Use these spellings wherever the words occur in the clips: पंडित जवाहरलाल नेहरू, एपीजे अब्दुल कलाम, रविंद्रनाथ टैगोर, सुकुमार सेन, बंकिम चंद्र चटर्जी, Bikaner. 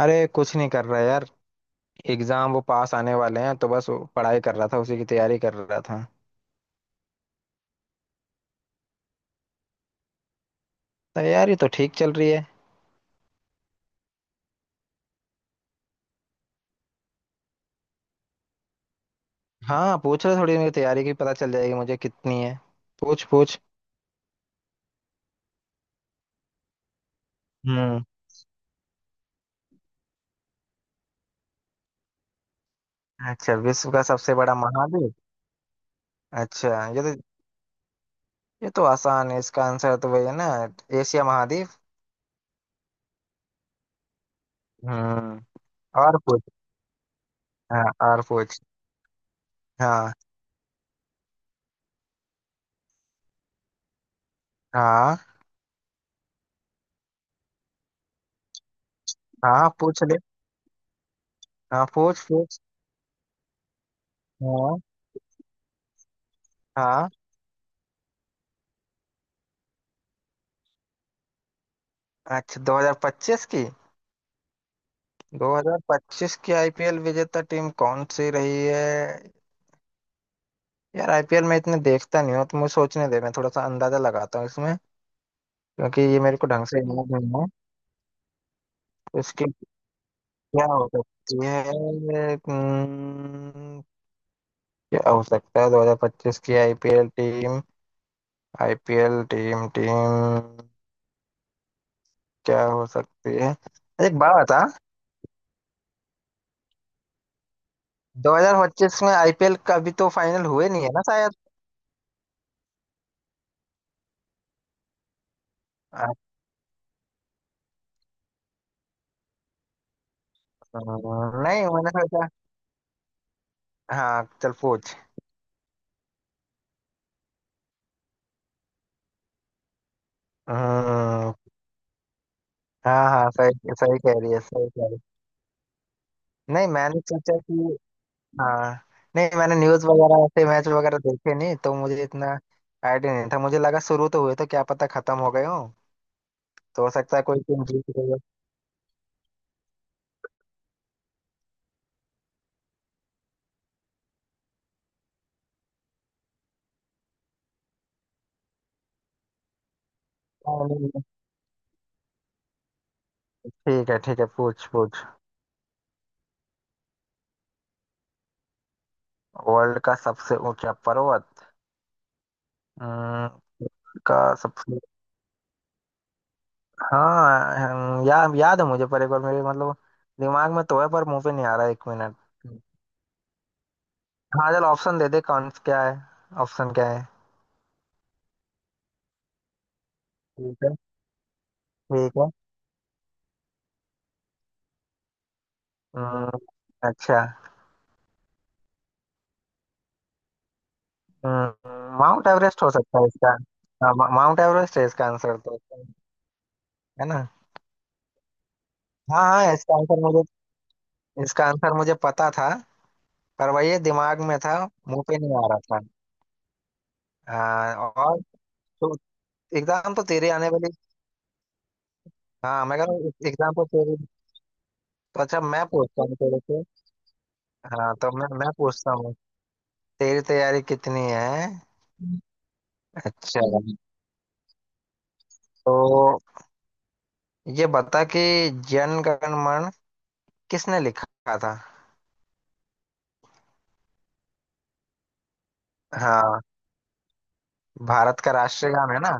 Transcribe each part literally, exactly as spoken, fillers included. अरे कुछ नहीं कर रहा यार। एग्जाम वो पास आने वाले हैं तो बस वो पढ़ाई कर रहा था, उसी की तैयारी कर रहा था। तैयारी तो ठीक चल रही है। हाँ पूछ, रहे थोड़ी मेरी तैयारी की पता चल जाएगी मुझे कितनी है। पूछ पूछ हम्म। अच्छा विश्व का सबसे बड़ा महाद्वीप। अच्छा ये तो ये तो आसान है, इसका आंसर तो वही है ना। एशिया महाद्वीप। हम्म, और पूछ। हाँ, और पूछ। हाँ हाँ, हाँ पूछ ले। हाँ पूछ पूछ हाँ हाँ। अच्छा दो हज़ार पच्चीस की। दो हज़ार पच्चीस की आईपीएल विजेता टीम कौन सी रही है। यार आईपीएल में इतने देखता नहीं हूँ, तो मुझे सोचने दे, मैं थोड़ा सा अंदाजा लगाता हूँ इसमें। क्योंकि ये मेरे को ढंग से याद नहीं है। तो इसकी क्या हो सकती है। हम्म, क्या हो सकता है दो हज़ार पच्चीस की IPL team IPL team team क्या हो सकती है। एक बात बता, दो हज़ार पच्चीस में आईपीएल का अभी तो फाइनल हुए नहीं है ना शायद। अच्छा, नहीं मैंने सोचा। हाँ चल पूछ। हम्म। हाँ हाँ, सही सही कह रही है, सही कह रही है। नहीं मैंने सोचा कि, हाँ, नहीं मैंने न्यूज़ वगैरह ऐसे मैच वगैरह देखे नहीं तो मुझे इतना आइडिया नहीं था। मुझे लगा शुरू तो हुए, तो क्या पता खत्म हो गए हो। तो हो सकता है कोई टीम जीत गई हो। हाँ, नहीं, नहीं। ठीक है, ठीक है, पूछ पूछ वर्ल्ड का सबसे ऊंचा पर्वत। हम्म, का सबसे। हाँ याद याद है मुझे, पर एक बार, मेरे मतलब दिमाग में तो है पर मुंह पे नहीं आ रहा, एक मिनट। हाँ चल ऑप्शन दे दे, कौन क्या है। ऑप्शन क्या है। ठीक है। ठीक है। हम्म। अच्छा। हम्म, माउंट एवरेस्ट हो सकता है इसका। हाँ, मा- माउंट एवरेस्ट है इसका आंसर तो। है ना। हाँ हाँ, इसका आंसर मुझे, इसका आंसर मुझे पता था। पर वही है, दिमाग में था, मुंह पे नहीं आ रहा था। हाँ, और तो एग्जाम तो तेरे आने वाली। हाँ मैं कह रहा हूँ एग्जाम तो तेरे। तो अच्छा मैं पूछता हूँ तेरे से। हाँ तो मैं मैं पूछता हूँ, तेरी तैयारी कितनी है। अच्छा तो ये बता कि जन गण मन किसने लिखा था। हाँ, भारत का राष्ट्रीय गान है ना।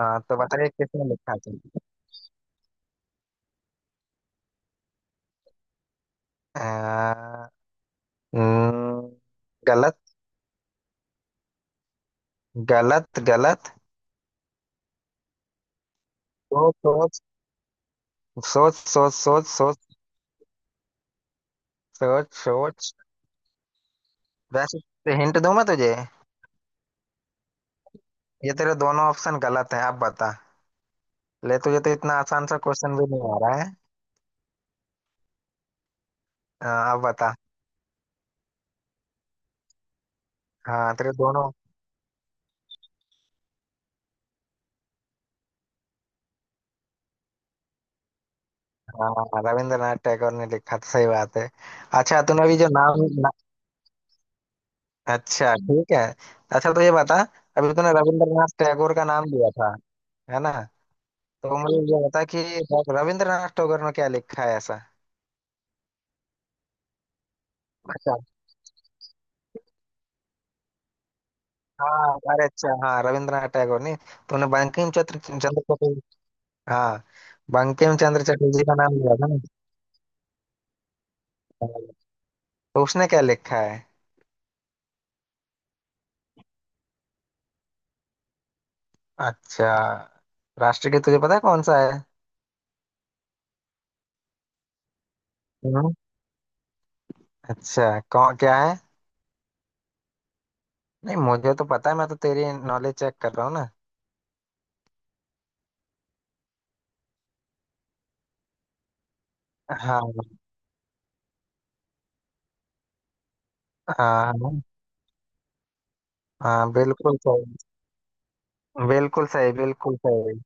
हाँ तो बताइए किसने लिखा था। अ, न, गलत। गलत गलत सोच सोच सोच सोच सोच सोच सोच वैसे हिंट दूं मैं तुझे, ये तेरे दोनों ऑप्शन गलत हैं, अब बता ले, तुझे तो इतना आसान सा क्वेश्चन भी नहीं आ रहा है। अ, अब बता। हाँ तेरे दोनों। हाँ रविंद्रनाथ टैगोर ने लिखा था, सही बात है। अच्छा तूने अभी जो नाम, अच्छा ठीक है। अच्छा तो ये बता, अभी तूने रविंद्रनाथ टैगोर का नाम लिया था, है ना। तो मुझे ये बता कि रविंद्रनाथ टैगोर ने क्या लिखा है ऐसा। अच्छा हाँ, अरे अच्छा हाँ, रविंद्रनाथ टैगोर ने। तूने बंकिम चंद्र चंद्र चटर्जी, हाँ, बंकिम चंद्र चटर्जी का नाम लिया था ना। तो उसने क्या लिखा है। अच्छा। राष्ट्रगीत तुझे पता है कौन सा है। हम्म। अच्छा कौन क्या है। नहीं, मुझे तो पता है, मैं तो तेरी नॉलेज चेक कर रहा हूँ ना। हाँ हाँ। हाँ, हाँ, बिल्कुल सही, बिल्कुल सही, बिल्कुल सही।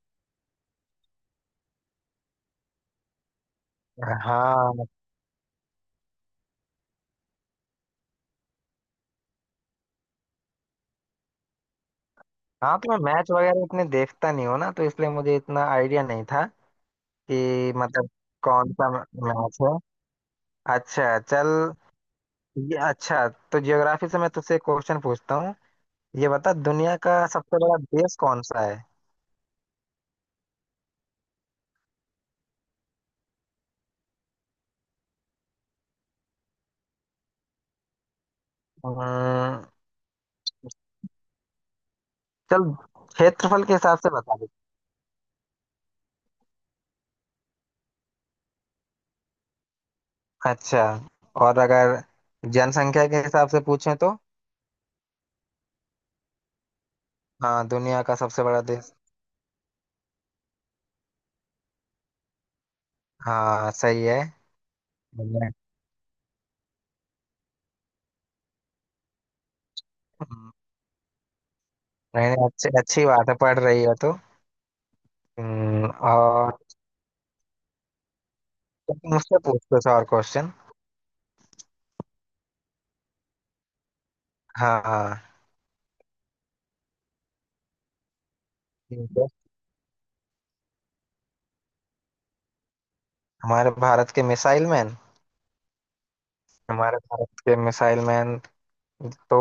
हाँ हाँ, तो मैं मैच वगैरह इतने देखता नहीं हूँ ना, तो इसलिए मुझे इतना आइडिया नहीं था कि मतलब कौन सा मैच है। अच्छा चल ये, अच्छा तो ज्योग्राफी से मैं तुझसे क्वेश्चन पूछता हूँ। ये बता, दुनिया का सबसे बड़ा देश कौन सा है। अम्म, चल क्षेत्रफल के हिसाब से बता दे। अच्छा, और अगर जनसंख्या के हिसाब से पूछें तो, हाँ दुनिया का सबसे बड़ा देश। हाँ सही है। नहीं नहीं, अच्छी अच्छी बात है, पढ़ रही है तो। हम्म, और तुम मुझसे पूछ कुछ और क्वेश्चन। हाँ हाँ, ठीक है। हमारे भारत के मिसाइल मैन, हमारे भारत के मिसाइल मैन, तो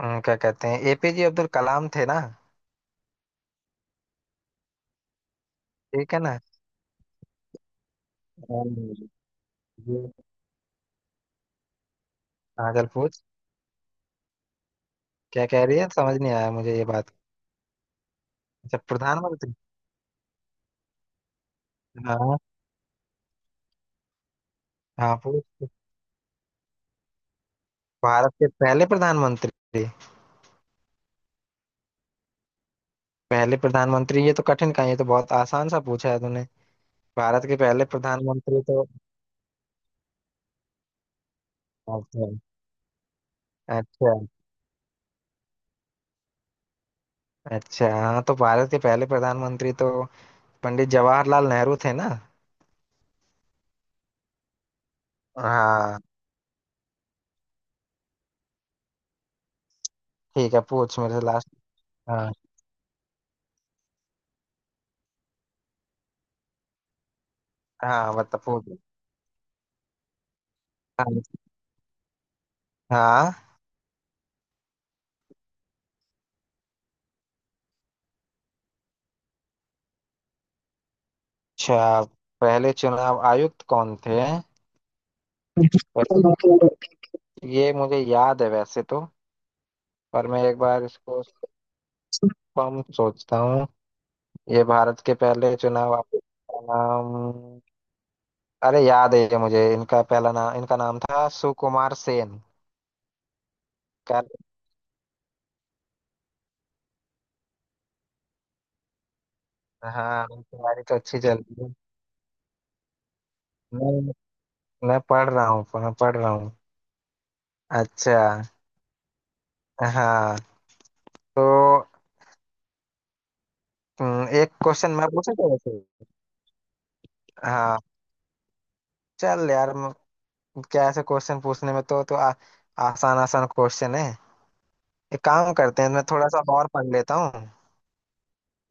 हम्म, क्या कहते हैं, एपीजे अब्दुल कलाम थे ना। ठीक है ना। हम्म, ये- हाँ चल पूछ। क्या कह रही है, समझ नहीं आया मुझे ये बात। अच्छा प्रधानमंत्री। हाँ हाँ पूछ। भारत के पहले प्रधानमंत्री, पहले प्रधानमंत्री, ये तो कठिन का, ये तो बहुत आसान सा पूछा है तूने। भारत के पहले प्रधानमंत्री तो, अच्छा, अच्छा, अच्छा हाँ, तो भारत के पहले प्रधानमंत्री तो पंडित जवाहरलाल नेहरू थे ना। हाँ ठीक है, पूछ मेरे से लास्ट। हाँ हाँ बता पूछ। हाँ, हाँ, अच्छा पहले चुनाव आयुक्त कौन थे। वैसे ये मुझे याद है वैसे तो, पर मैं एक बार इसको कम सोचता हूँ। ये भारत के पहले चुनाव आयुक्त का नाम, अरे याद है ये मुझे, इनका पहला नाम, इनका नाम था सुकुमार सेन। हाँ मेरी तैयारी तो अच्छी चल रही है। मैं मैं पढ़ रहा हूँ, मैं पढ़ रहा हूँ। अच्छा, हाँ, तो हम्म, एक क्वेश्चन मैं पूछूं तेरे से। हाँ चल यार, म- क्या ऐसे क्वेश्चन पूछने में तो तो आ, आसान आसान क्वेश्चन है। एक काम करते हैं, मैं थोड़ा सा और पढ़ लेता हूँ,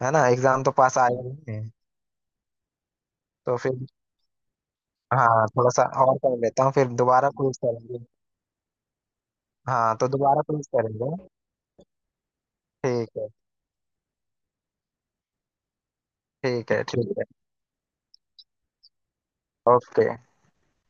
है ना, एग्जाम तो पास आया ही है, तो फिर, हाँ थोड़ा सा और पढ़ लेता हूँ, फिर दोबारा क्विज करेंगे। हाँ तो दोबारा क्विज करेंगे। ठीक है। ठीक है। ठीक है। ओके।